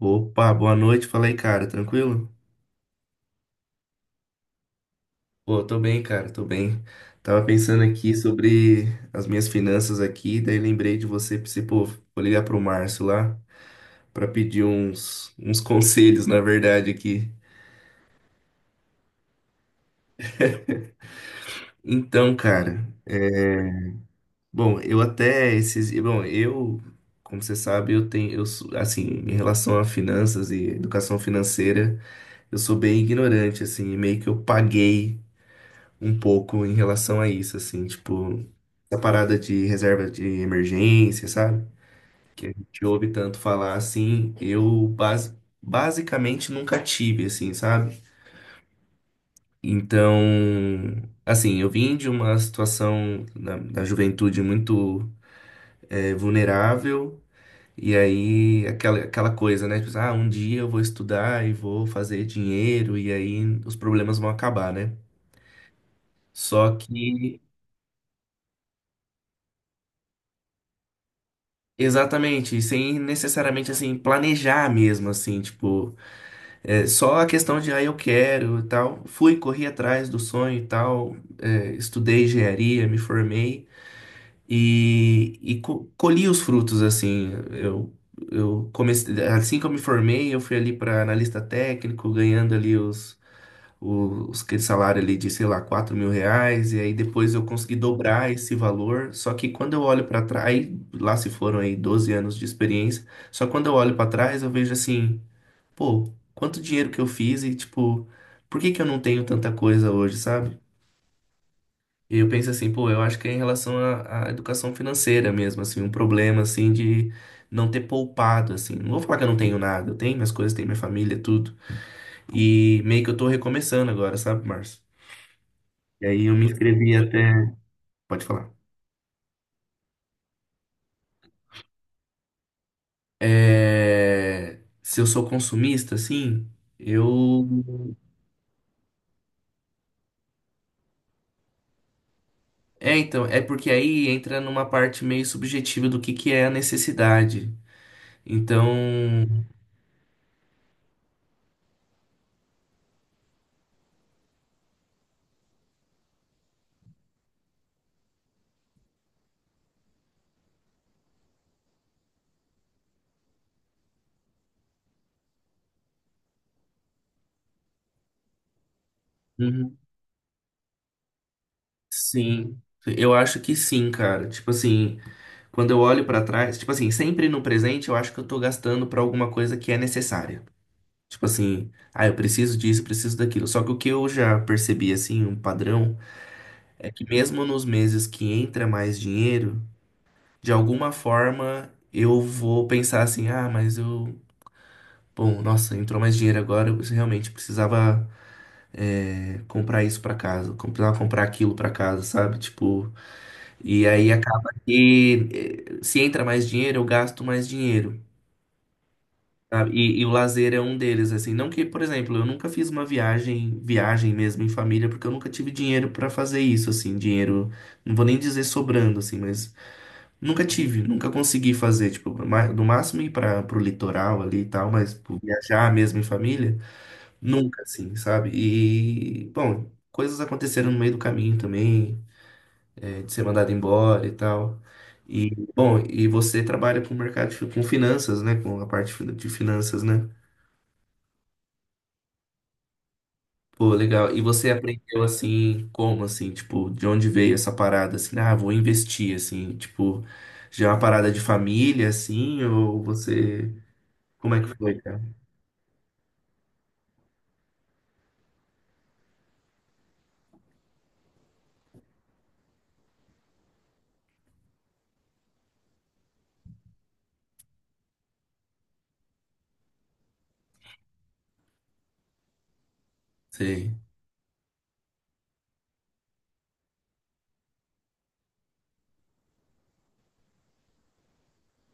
Opa, boa noite. Fala aí, cara. Tranquilo? Pô, tô bem, cara. Tô bem. Tava pensando aqui sobre as minhas finanças aqui, daí lembrei de você, pensei, pô, vou ligar pro Márcio lá pra pedir uns conselhos, na verdade, aqui. Então, cara, bom, bom, eu, como você sabe, eu tenho, assim, em relação a finanças e educação financeira, eu sou bem ignorante, assim, e meio que eu paguei um pouco em relação a isso, assim, tipo, essa parada de reserva de emergência, sabe? Que a gente ouve tanto falar assim, eu basicamente nunca tive, assim, sabe? Então, assim, eu vim de uma situação da juventude muito vulnerável. E aí, aquela coisa, né? Tipo, ah, um dia eu vou estudar e vou fazer dinheiro, e aí os problemas vão acabar, né? Só que exatamente, sem necessariamente assim planejar mesmo assim, tipo, é, só a questão de ah, eu quero e tal. Fui, corri atrás do sonho e tal, é, estudei engenharia, me formei. E colhi os frutos, assim. Eu comecei, assim que eu me formei, eu fui ali para analista técnico, ganhando ali aquele salário ali de, sei lá, R$ 4.000. E aí depois eu consegui dobrar esse valor. Só que quando eu olho para trás, aí lá se foram aí 12 anos de experiência. Só quando eu olho para trás, eu vejo assim, pô, quanto dinheiro que eu fiz e, tipo, por que que eu não tenho tanta coisa hoje, sabe? E eu penso assim, pô, eu acho que é em relação à educação financeira mesmo, assim, um problema, assim, de não ter poupado, assim. Não vou falar que eu não tenho nada, eu tenho minhas coisas, tenho minha família, tudo. E meio que eu tô recomeçando agora, sabe, Márcio? E aí eu me inscrevi até. Pode falar. É... Se eu sou consumista, assim, eu. É, então, é porque aí entra numa parte meio subjetiva do que é a necessidade. Então. Uhum. Sim. Eu acho que sim, cara. Tipo assim. Quando eu olho pra trás, tipo assim, sempre no presente eu acho que eu tô gastando pra alguma coisa que é necessária. Tipo assim, ah, eu preciso disso, eu preciso daquilo. Só que o que eu já percebi, assim, um padrão, é que mesmo nos meses que entra mais dinheiro, de alguma forma eu vou pensar assim, ah, mas eu. Bom, nossa, entrou mais dinheiro agora, eu realmente precisava comprar isso pra casa, comprar aquilo pra casa, sabe? Tipo, e aí acaba que se entra mais dinheiro, eu gasto mais dinheiro. Sabe? E o lazer é um deles, assim. Não que, por exemplo, eu nunca fiz uma viagem, viagem mesmo em família, porque eu nunca tive dinheiro pra fazer isso, assim, dinheiro, não vou nem dizer sobrando, assim, mas nunca tive, nunca consegui fazer, tipo, no máximo ir para pro litoral ali e tal, mas tipo, viajar mesmo em família, nunca, assim, sabe? E, bom, coisas aconteceram no meio do caminho também, é, de ser mandado embora e tal. E, bom, e você trabalha com o mercado, com finanças, né? Com a parte de finanças, né? Pô, legal. E você aprendeu assim, como assim, tipo, de onde veio essa parada assim? Ah, vou investir assim, tipo, já é uma parada de família assim, ou você, como é que foi, cara? Sei,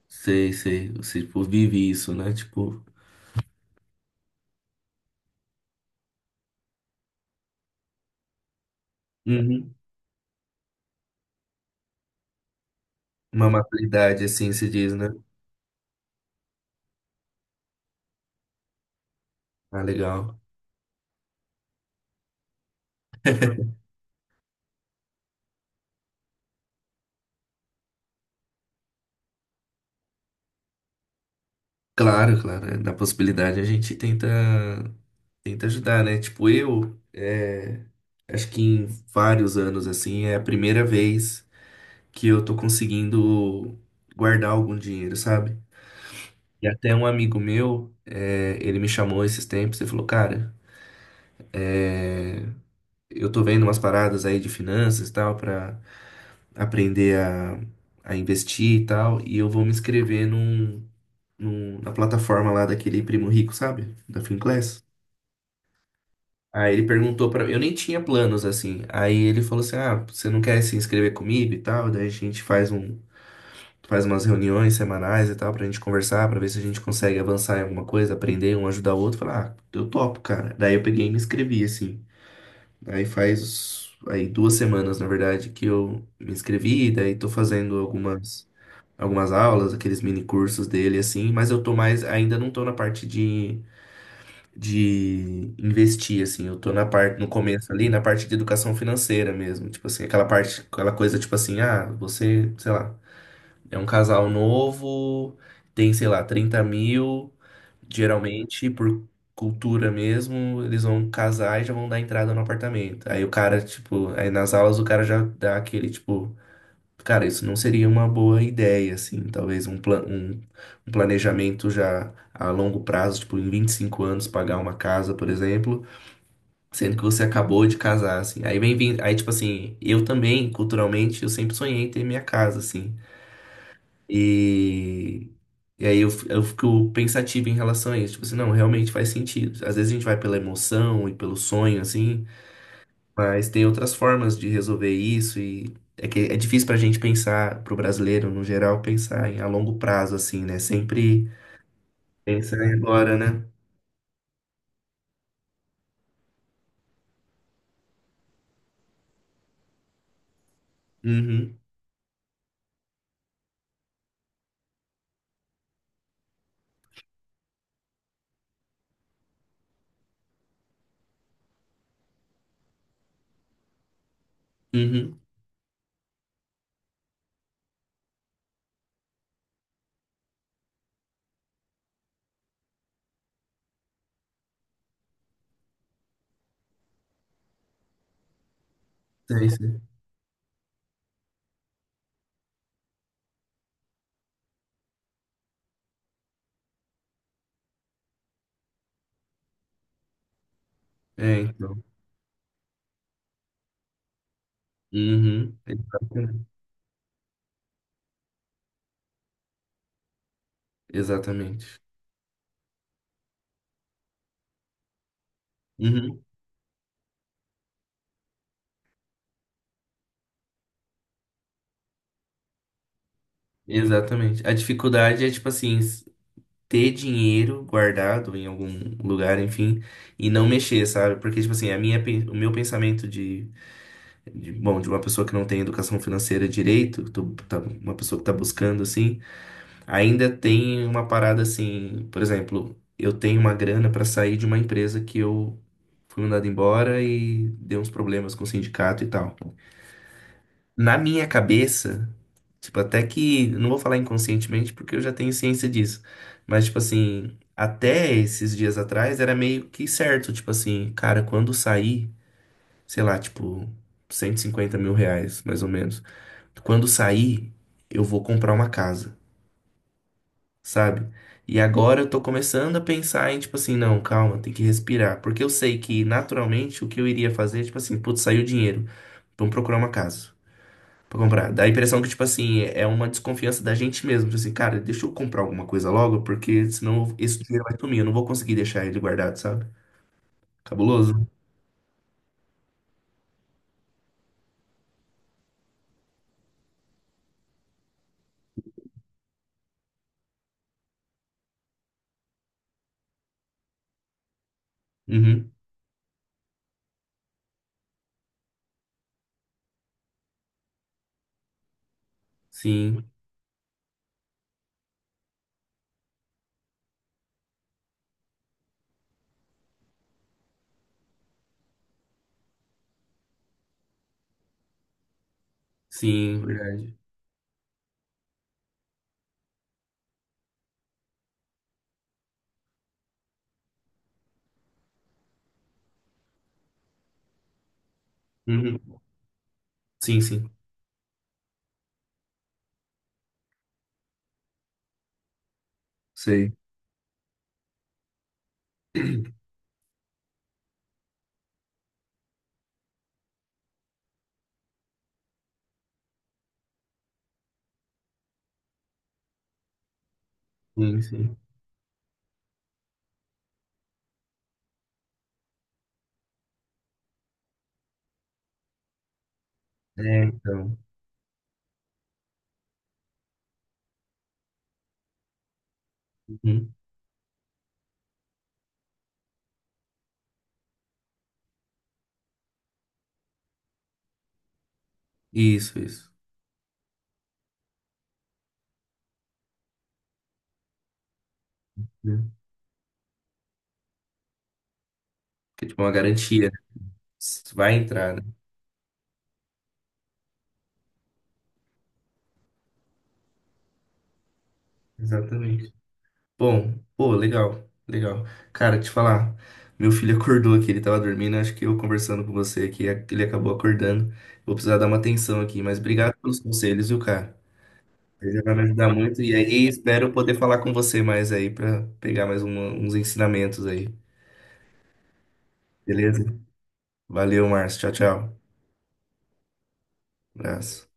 sei, sei. Você, tipo, vive isso, né? Tipo, uhum. Uma maturidade assim se diz, né? Ah, legal. Claro, claro. Na possibilidade a gente tenta, tenta ajudar, né? Tipo, eu, acho que em vários anos assim, é a primeira vez que eu tô conseguindo guardar algum dinheiro, sabe? E até um amigo meu, ele me chamou esses tempos e falou, cara, eu tô vendo umas paradas aí de finanças e tal, pra aprender a investir e tal, e eu vou me inscrever na plataforma lá daquele primo rico, sabe? Da Finclass. Aí ele perguntou pra mim, eu nem tinha planos assim. Aí ele falou assim: "Ah, você não quer se inscrever comigo e tal? Daí a gente faz um, faz umas reuniões semanais e tal, pra gente conversar, pra ver se a gente consegue avançar em alguma coisa, aprender, um ajudar o outro. Falar, ah, eu topo, cara. Daí eu peguei e me inscrevi, assim. Aí faz, aí duas semanas, na verdade, que eu me inscrevi, daí tô fazendo algumas aulas, aqueles mini cursos dele, assim, mas eu tô mais, ainda não tô na parte de. De investir, assim, eu tô na parte, no começo ali, na parte de educação financeira mesmo, tipo assim, aquela parte, aquela coisa, tipo assim, ah, você, sei lá. É um casal novo, tem, sei lá, 30 mil. Geralmente, por cultura mesmo, eles vão casar e já vão dar entrada no apartamento. Aí o cara, tipo, aí nas aulas o cara já dá aquele, tipo, cara, isso não seria uma boa ideia, assim, talvez um, um planejamento já a longo prazo, tipo, em 25 anos pagar uma casa, por exemplo, sendo que você acabou de casar, assim. Aí vem, vem aí, tipo assim, eu também, culturalmente, eu sempre sonhei em ter minha casa, assim. E, e aí eu fico pensativo em relação a isso. Tipo assim, não, realmente faz sentido. Às vezes a gente vai pela emoção e pelo sonho, assim, mas tem outras formas de resolver isso. E é que é difícil pra gente pensar, pro brasileiro no geral, pensar em a longo prazo, assim, né? Sempre pensar em agora, né? Uhum, uhum. Sei, sei. É, então. Uhum, exatamente. Exatamente. Uhum, exatamente. A dificuldade é tipo assim. Ter dinheiro guardado em algum lugar, enfim, e não mexer, sabe? Porque, tipo assim, a minha, o meu pensamento de uma pessoa que não tem educação financeira direito, uma pessoa que tá buscando, assim, ainda tem uma parada assim, por exemplo, eu tenho uma grana para sair de uma empresa que eu fui mandado embora e deu uns problemas com o sindicato e tal. Na minha cabeça, tipo, até que, não vou falar inconscientemente porque eu já tenho ciência disso, mas tipo assim, até esses dias atrás era meio que certo, tipo assim, cara, quando sair, sei lá, tipo, R$ 150.000, mais ou menos, quando sair, eu vou comprar uma casa, sabe? E agora eu tô começando a pensar em, tipo assim, não, calma, tem que respirar, porque eu sei que naturalmente o que eu iria fazer, tipo assim, putz, saiu o dinheiro, vamos procurar uma casa. Pra comprar. Dá a impressão que, tipo assim, é uma desconfiança da gente mesmo. Tipo assim, cara, deixa eu comprar alguma coisa logo, porque senão esse dinheiro vai sumir. Eu não vou conseguir deixar ele guardado, sabe? Cabuloso. Uhum. Sim, sim, verdade. Uhum. Sim, sim. Sei. Sim, sim. É, então. Uhum. Isso, isso. Uhum. Que é tipo uma garantia, né? Vai entrar, né? Exatamente. Bom, pô, legal, legal. Cara, te falar, meu filho acordou aqui, ele tava dormindo, acho que eu conversando com você aqui, ele acabou acordando. Vou precisar dar uma atenção aqui, mas obrigado pelos conselhos, viu, cara? Você já vai me ajudar muito e aí espero poder falar com você mais aí pra pegar mais uns ensinamentos aí. Beleza? Valeu, Márcio. Tchau, tchau. Abraço.